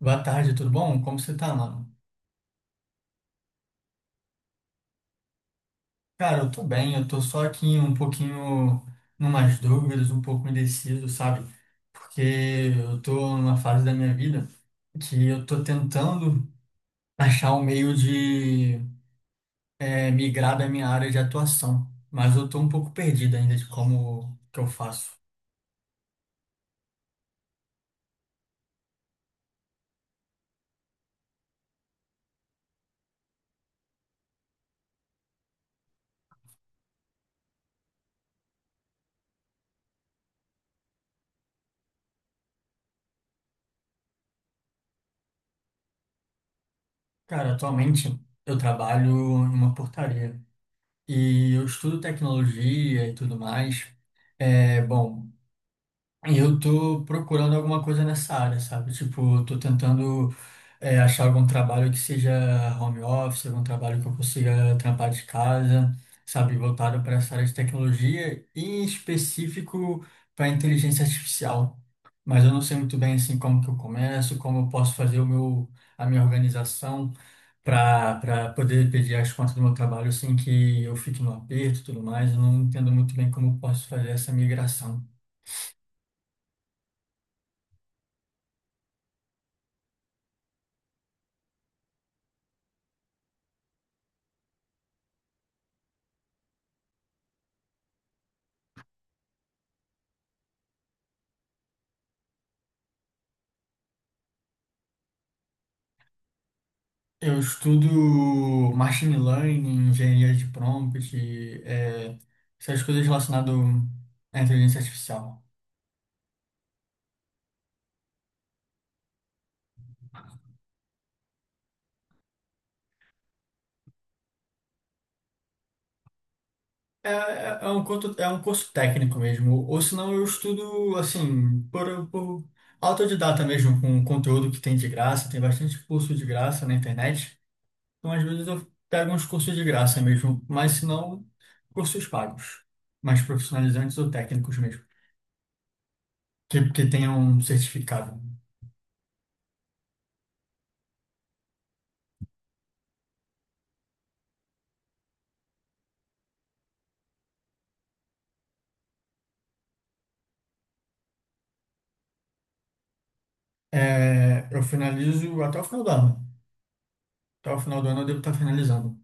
Boa tarde, tudo bom? Como você tá, mano? Cara, eu tô bem, eu tô só aqui um pouquinho numas dúvidas, um pouco indeciso, sabe? Porque eu tô numa fase da minha vida que eu tô tentando achar um meio de migrar da minha área de atuação, mas eu tô um pouco perdido ainda de como que eu faço. Cara, atualmente eu trabalho em uma portaria e eu estudo tecnologia e tudo mais. É, bom. E eu tô procurando alguma coisa nessa área, sabe? Tipo, eu tô tentando achar algum trabalho que seja home office, algum trabalho que eu consiga trampar de casa, sabe? Voltado para essa área de tecnologia e em específico para inteligência artificial. Mas eu não sei muito bem assim como que eu começo, como eu posso fazer o meu, a minha organização para poder pedir as contas do meu trabalho sem que eu fique no aperto e tudo mais. Eu não entendo muito bem como eu posso fazer essa migração. Eu estudo machine learning, engenharia de prompt, é, essas coisas relacionadas à inteligência artificial. É um curso técnico mesmo, ou senão eu estudo assim, por autodidata mesmo, com conteúdo que tem de graça, tem bastante curso de graça na internet. Então, às vezes eu pego uns cursos de graça mesmo, mas se não, cursos pagos, mais profissionalizantes ou técnicos mesmo, que tenham um certificado. É, eu finalizo até o final do ano. Até o final do ano eu devo estar finalizando.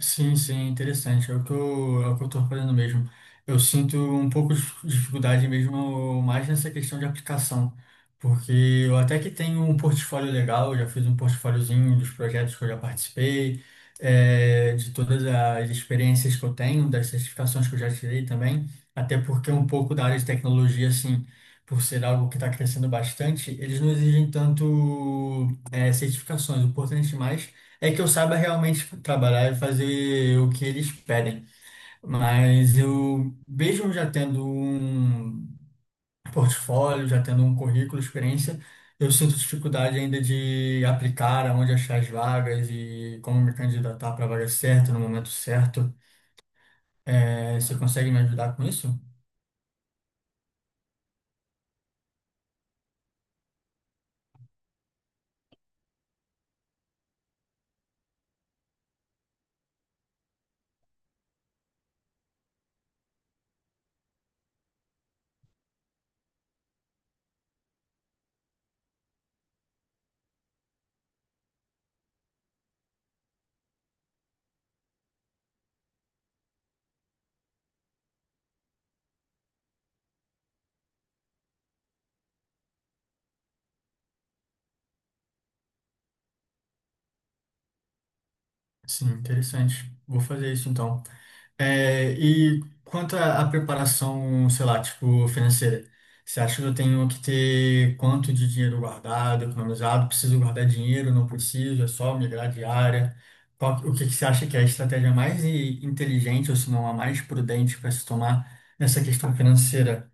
Sim, sim, é interessante. É o que eu, é o que eu tô fazendo mesmo. Eu sinto um pouco de dificuldade mesmo, mais nessa questão de aplicação, porque eu até que tenho um portfólio legal, eu já fiz um portfóliozinho dos projetos que eu já participei, é, de todas as experiências que eu tenho, das certificações que eu já tirei também, até porque um pouco da área de tecnologia, assim, por ser algo que está crescendo bastante, eles não exigem tanto, é, certificações, o importante mais é que eu saiba realmente trabalhar e fazer o que eles pedem. Mas eu, mesmo já tendo um portfólio, já tendo um currículo, experiência, eu sinto dificuldade ainda de aplicar aonde achar as vagas e como me candidatar para a vaga certa, no momento certo. É, você consegue me ajudar com isso? Sim, interessante. Vou fazer isso então. É, e quanto à preparação, sei lá, tipo, financeira, você acha que eu tenho que ter quanto de dinheiro guardado, economizado? Preciso guardar dinheiro? Não preciso? É só migrar de área? Qual, o que que você acha que é a estratégia mais inteligente, ou se não a mais prudente para se tomar nessa questão financeira?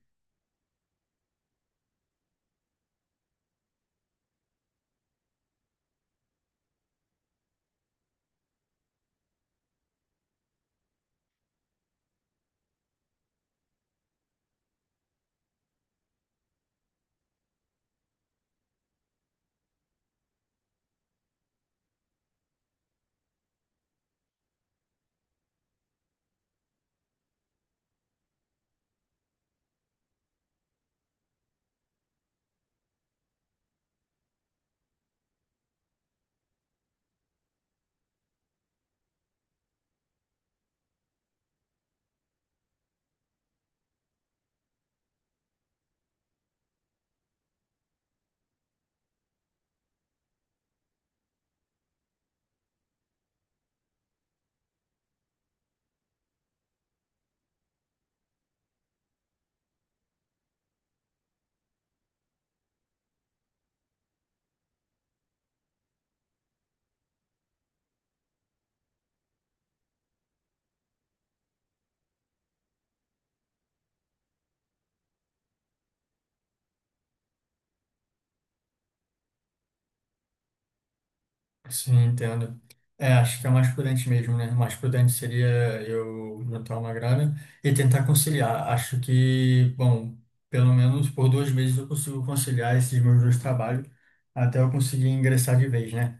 Sim, entendo. É, acho que é o mais prudente mesmo, né? O mais prudente seria eu juntar uma grana e tentar conciliar. Acho que, bom, pelo menos por dois meses eu consigo conciliar esses meus dois trabalhos até eu conseguir ingressar de vez, né?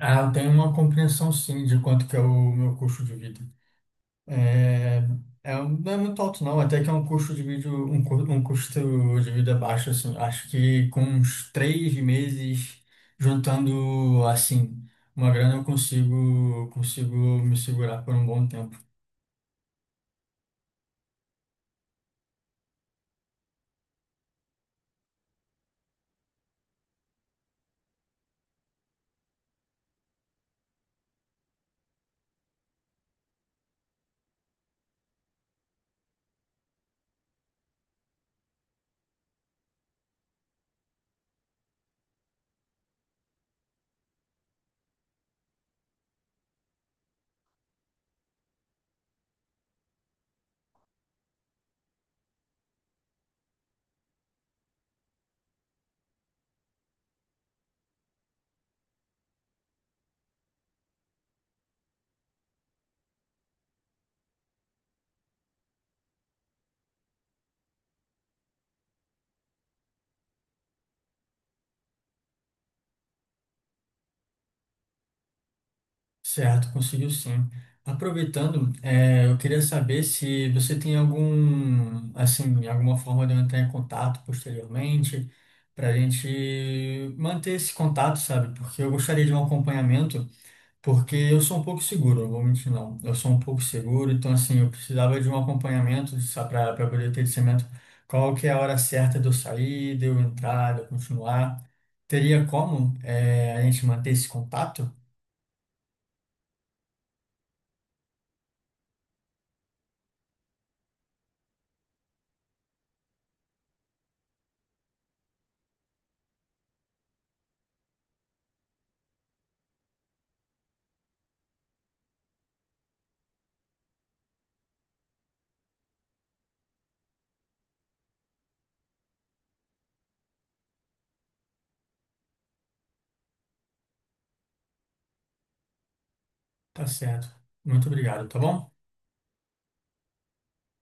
Ah, eu tenho uma compreensão, sim, de quanto que é o meu custo de vida. É, não é muito alto, não. Até que é um custo de vídeo, um custo de vida baixo, assim. Acho que com uns três meses juntando, assim, uma grana eu consigo me segurar por um bom tempo. Certo, conseguiu sim. Aproveitando, é, eu queria saber se você tem algum, assim, alguma forma de eu entrar em contato posteriormente, para a gente manter esse contato, sabe? Porque eu gostaria de um acompanhamento. Porque eu sou um pouco seguro, eu vou mentir não. Eu sou um pouco seguro, então assim, eu precisava de um acompanhamento para poder ter discernimento qual que é a hora certa de eu sair, de eu entrar, de eu continuar. Teria como a gente manter esse contato? Tá certo. Muito obrigado, tá bom?